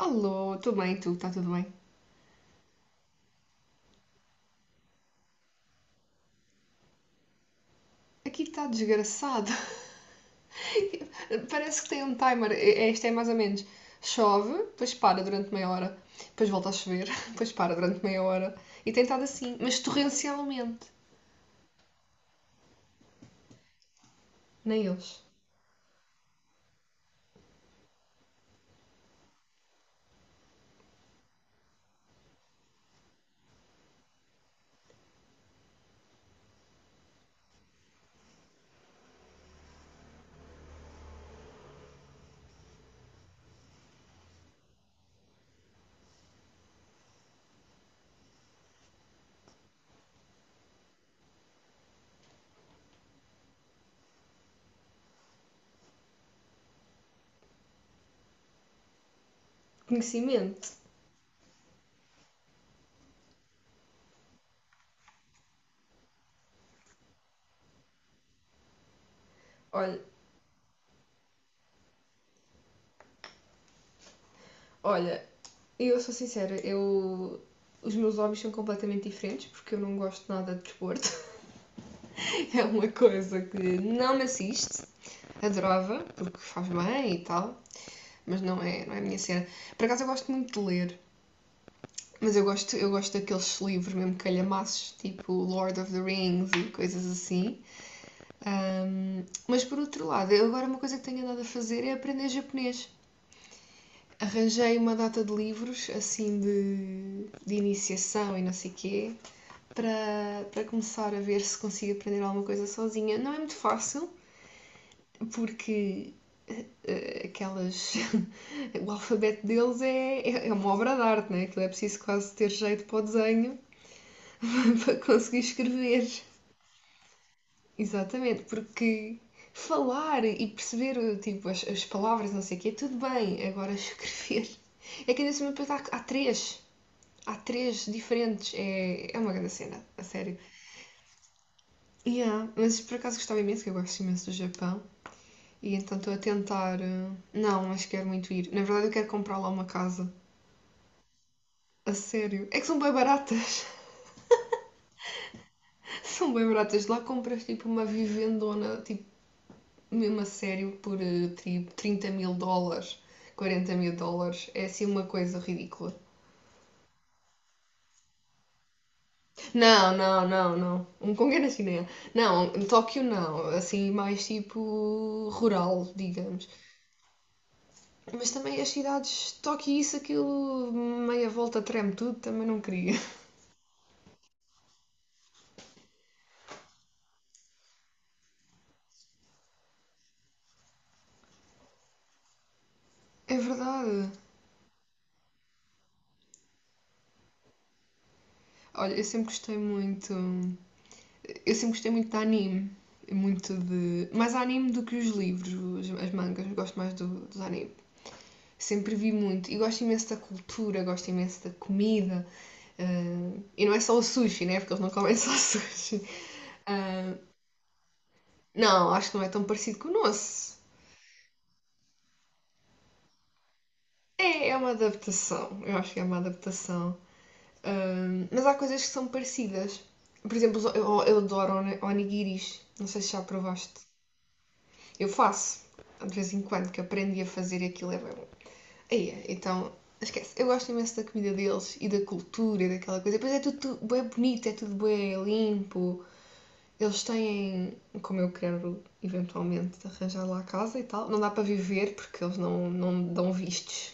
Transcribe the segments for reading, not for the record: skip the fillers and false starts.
Alô, tudo bem? Tu, está tudo bem? Aqui está desgraçado. Parece que tem um timer. Este é mais ou menos. Chove, depois para durante meia hora, depois volta a chover, depois para durante meia hora. E tem estado assim, mas torrencialmente. Nem eles. Conhecimento. Olha, olha, eu sou sincera, eu. Os meus hobbies são completamente diferentes porque eu não gosto nada de desporto. É uma coisa que não me assiste. Adorava, porque faz bem e tal, mas não é a minha cena. Por acaso eu gosto muito de ler, mas eu gosto daqueles livros mesmo calhamaços, tipo Lord of the Rings e coisas assim. Mas por outro lado, eu agora uma coisa que tenho andado a fazer é aprender japonês. Arranjei uma data de livros, assim, de iniciação e não sei o quê, para começar a ver se consigo aprender alguma coisa sozinha. Não é muito fácil, porque aquelas. O alfabeto deles é uma obra de arte, né? Aquilo é preciso quase ter jeito para o desenho para conseguir escrever. Exatamente, porque falar e perceber tipo, as palavras, não sei o quê, tudo bem, agora escrever. É que ainda se há, há três. Há três diferentes. É uma grande cena, a sério. Yeah, mas por acaso gostava imenso, que eu gosto imenso do Japão. E então estou a tentar. Não, mas quero muito ir. Na verdade, eu quero comprar lá uma casa. A sério. É que são bem baratas. São bem baratas. Lá compras tipo uma vivendona, tipo, mesmo a sério, por tipo US$ 30.000, US$ 40.000. É assim uma coisa ridícula. Não, não, não, não. Um Congo é na China. Não, Tóquio não. Assim, mais tipo rural, digamos. Mas também as cidades, Tóquio isso, aquilo, meia volta treme tudo, também não queria. É verdade. Olha, eu sempre gostei muito. Eu sempre gostei muito de anime. Muito de. Mais anime do que os livros, as, mangas. Gosto mais dos anime. Sempre vi muito. E gosto imenso da cultura, gosto imenso da comida. E não é só o sushi, né? Porque eles não comem só sushi. Ah, não, acho que não é tão parecido com o nosso. É uma adaptação. Eu acho que é uma adaptação. Ah, mas há coisas que são parecidas. Por exemplo, eu adoro onigiris. Não sei se já provaste. Eu faço. De vez em quando que aprendi a fazer aquilo é bem bom. Aí, é, então, esquece. Eu gosto imenso da comida deles e da cultura e daquela coisa. Depois é tudo, tudo bem bonito, é tudo bem limpo. Eles têm, como eu quero eventualmente arranjar lá a casa e tal, não dá para viver porque eles não dão vistos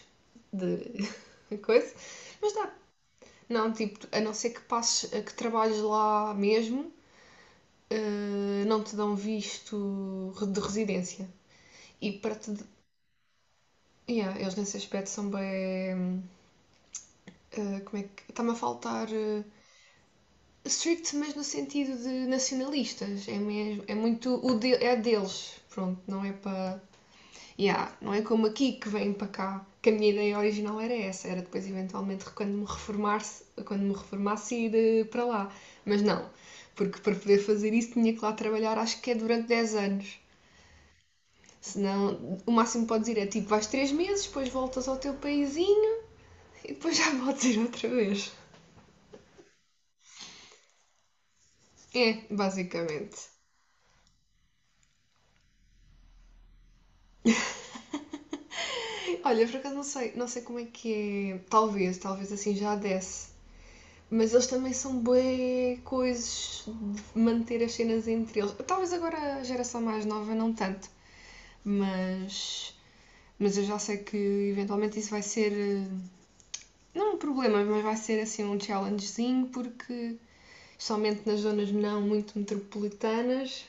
de coisa, mas dá. Não, tipo, a não ser que passes, que trabalhes lá mesmo, não te dão visto de residência. E para te. Yeah, eles nesse aspecto são bem. Como é que. Está-me a faltar. Strict, mas no sentido de nacionalistas. É mesmo. É muito. O é deles. Pronto, não é para. Yeah, não é como aqui que vêm para cá. Que a minha ideia original era essa. Era depois, eventualmente, quando me reformasse, ir para lá. Mas não. Porque para poder fazer isso tinha que lá trabalhar, acho que é durante 10 anos. Senão, o máximo que podes ir é tipo, vais 3 meses, depois voltas ao teu paísinho e depois já podes ir outra vez. É, basicamente. É, olha, por acaso não sei como é que é. Talvez assim já desse. Mas eles também são bué coisas de manter as cenas entre eles. Talvez agora a geração mais nova não tanto, mas eu já sei que eventualmente isso vai ser não um problema, mas vai ser assim um challengezinho porque especialmente nas zonas não muito metropolitanas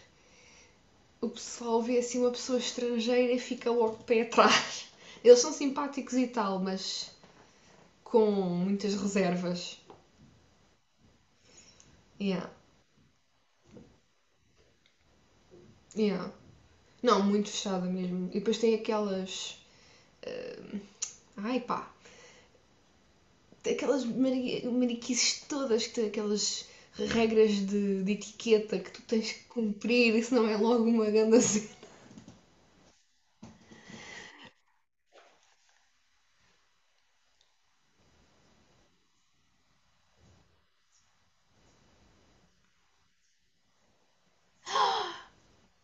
o pessoal vê assim uma pessoa estrangeira e fica logo de pé atrás. Eles são simpáticos e tal, mas com muitas reservas. Yeah, yeah. Não, muito fechada mesmo. E depois tem aquelas. Ai pá! Aquelas mariquices todas, que tem aquelas regras de etiqueta que tu tens que cumprir, isso não é logo uma grande cena.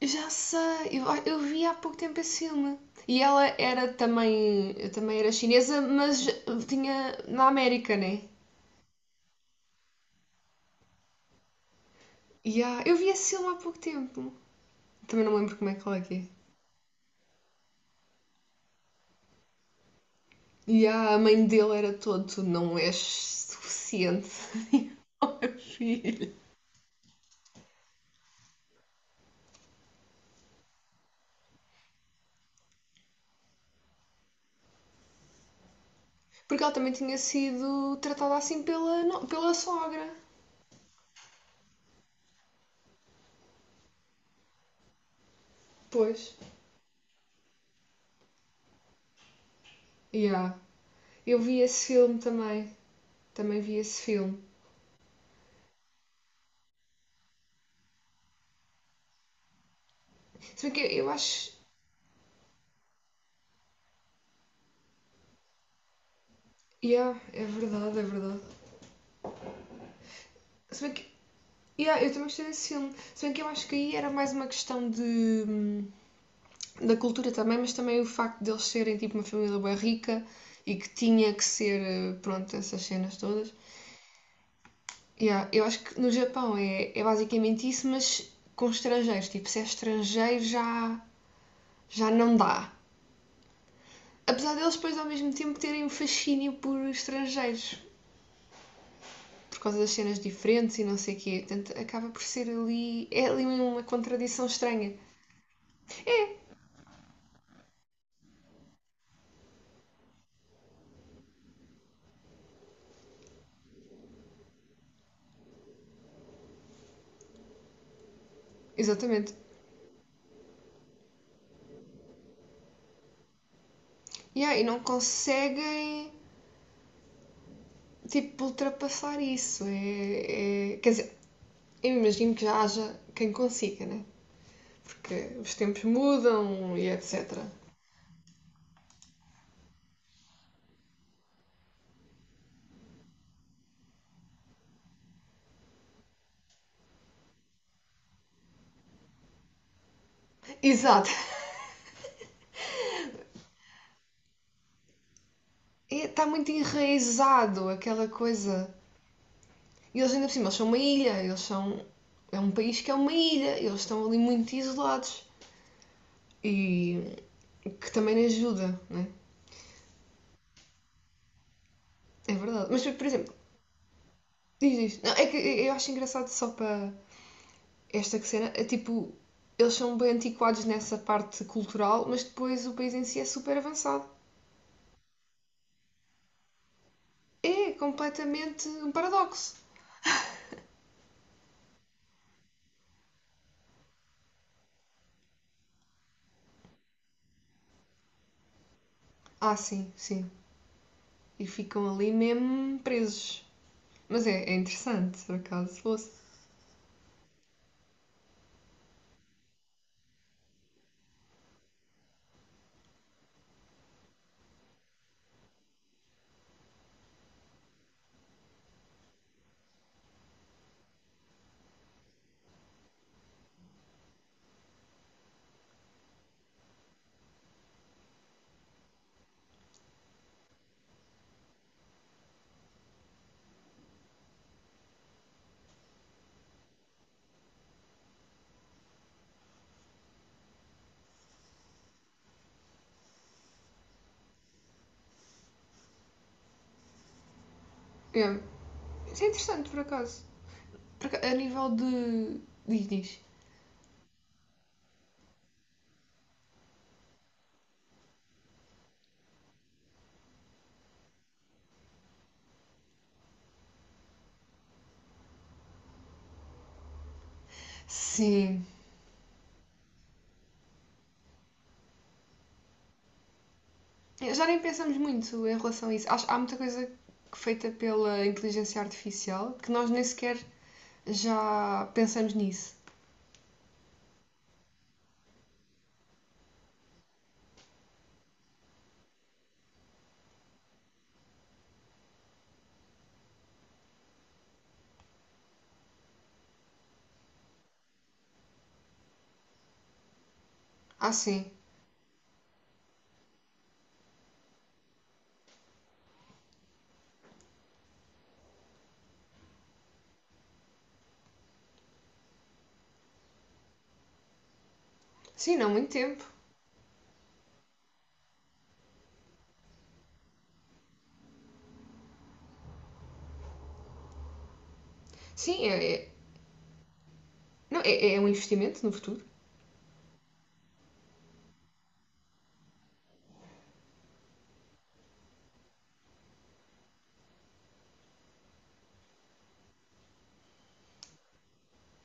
Eu já sei, eu vi há pouco tempo esse filme. E ela também era chinesa, mas tinha na América, né? Yeah, eu vi esse filme há pouco tempo. Também não me lembro como é que ela é. Yeah, a mãe dele era todo, tu não és suficiente ao meu filho. Porque ela também tinha sido tratada assim pela, no- pela sogra. Pois. Yeah. Eu vi esse filme também. Também vi esse filme. Se bem que eu acho. Yeah, é verdade, é verdade. Se bem que. Yeah, eu também gostei desse filme. Se bem que eu acho que aí era mais uma questão de. Da cultura também, mas também o facto de eles serem tipo uma família bem rica e que tinha que ser, pronto, essas cenas todas. Yeah, eu acho que no Japão é basicamente isso, mas com estrangeiros. Tipo, se é estrangeiro já, já não dá. Apesar deles depois ao mesmo tempo terem um fascínio por estrangeiros, por causa das cenas diferentes e não sei o quê. Portanto, acaba por ser ali. É ali uma contradição estranha. É, exatamente. Yeah, e não conseguem tipo, ultrapassar isso. Quer dizer, eu imagino que já haja quem consiga, né? Porque os tempos mudam e etc. Exato. Está muito enraizado aquela coisa. E eles ainda por cima, eles são uma ilha, eles são. É um país que é uma ilha, eles estão ali muito isolados. E que também ajuda, né? É verdade. Mas, por exemplo, diz isto. Não, é que eu acho engraçado só para esta cena, é tipo, eles são bem antiquados nessa parte cultural, mas depois o país em si é super avançado. É completamente um paradoxo. Ah, sim, sim. E ficam ali mesmo presos. Mas é interessante, por acaso, se fosse. É, isso é interessante, por acaso. Por a nível de. Diz. Sim. Já nem pensamos muito em relação a isso. Acho, há muita coisa feita pela inteligência artificial que nós nem sequer já pensamos nisso. Ah, sim. Sim, não muito tempo. Sim, não, é um investimento no futuro.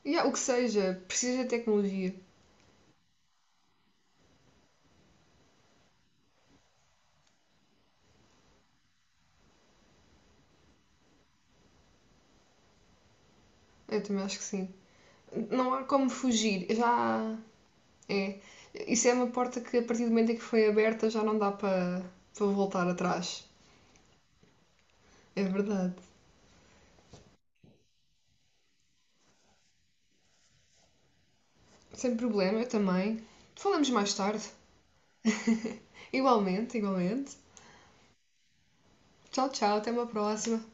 E há o que seja, precisa de tecnologia. Eu também acho que sim. Não há como fugir. Já é. Isso é uma porta que a partir do momento em que foi aberta já não dá para voltar atrás. É verdade. Sem problema, eu também. Falamos mais tarde. Igualmente, igualmente. Tchau, tchau, até uma próxima.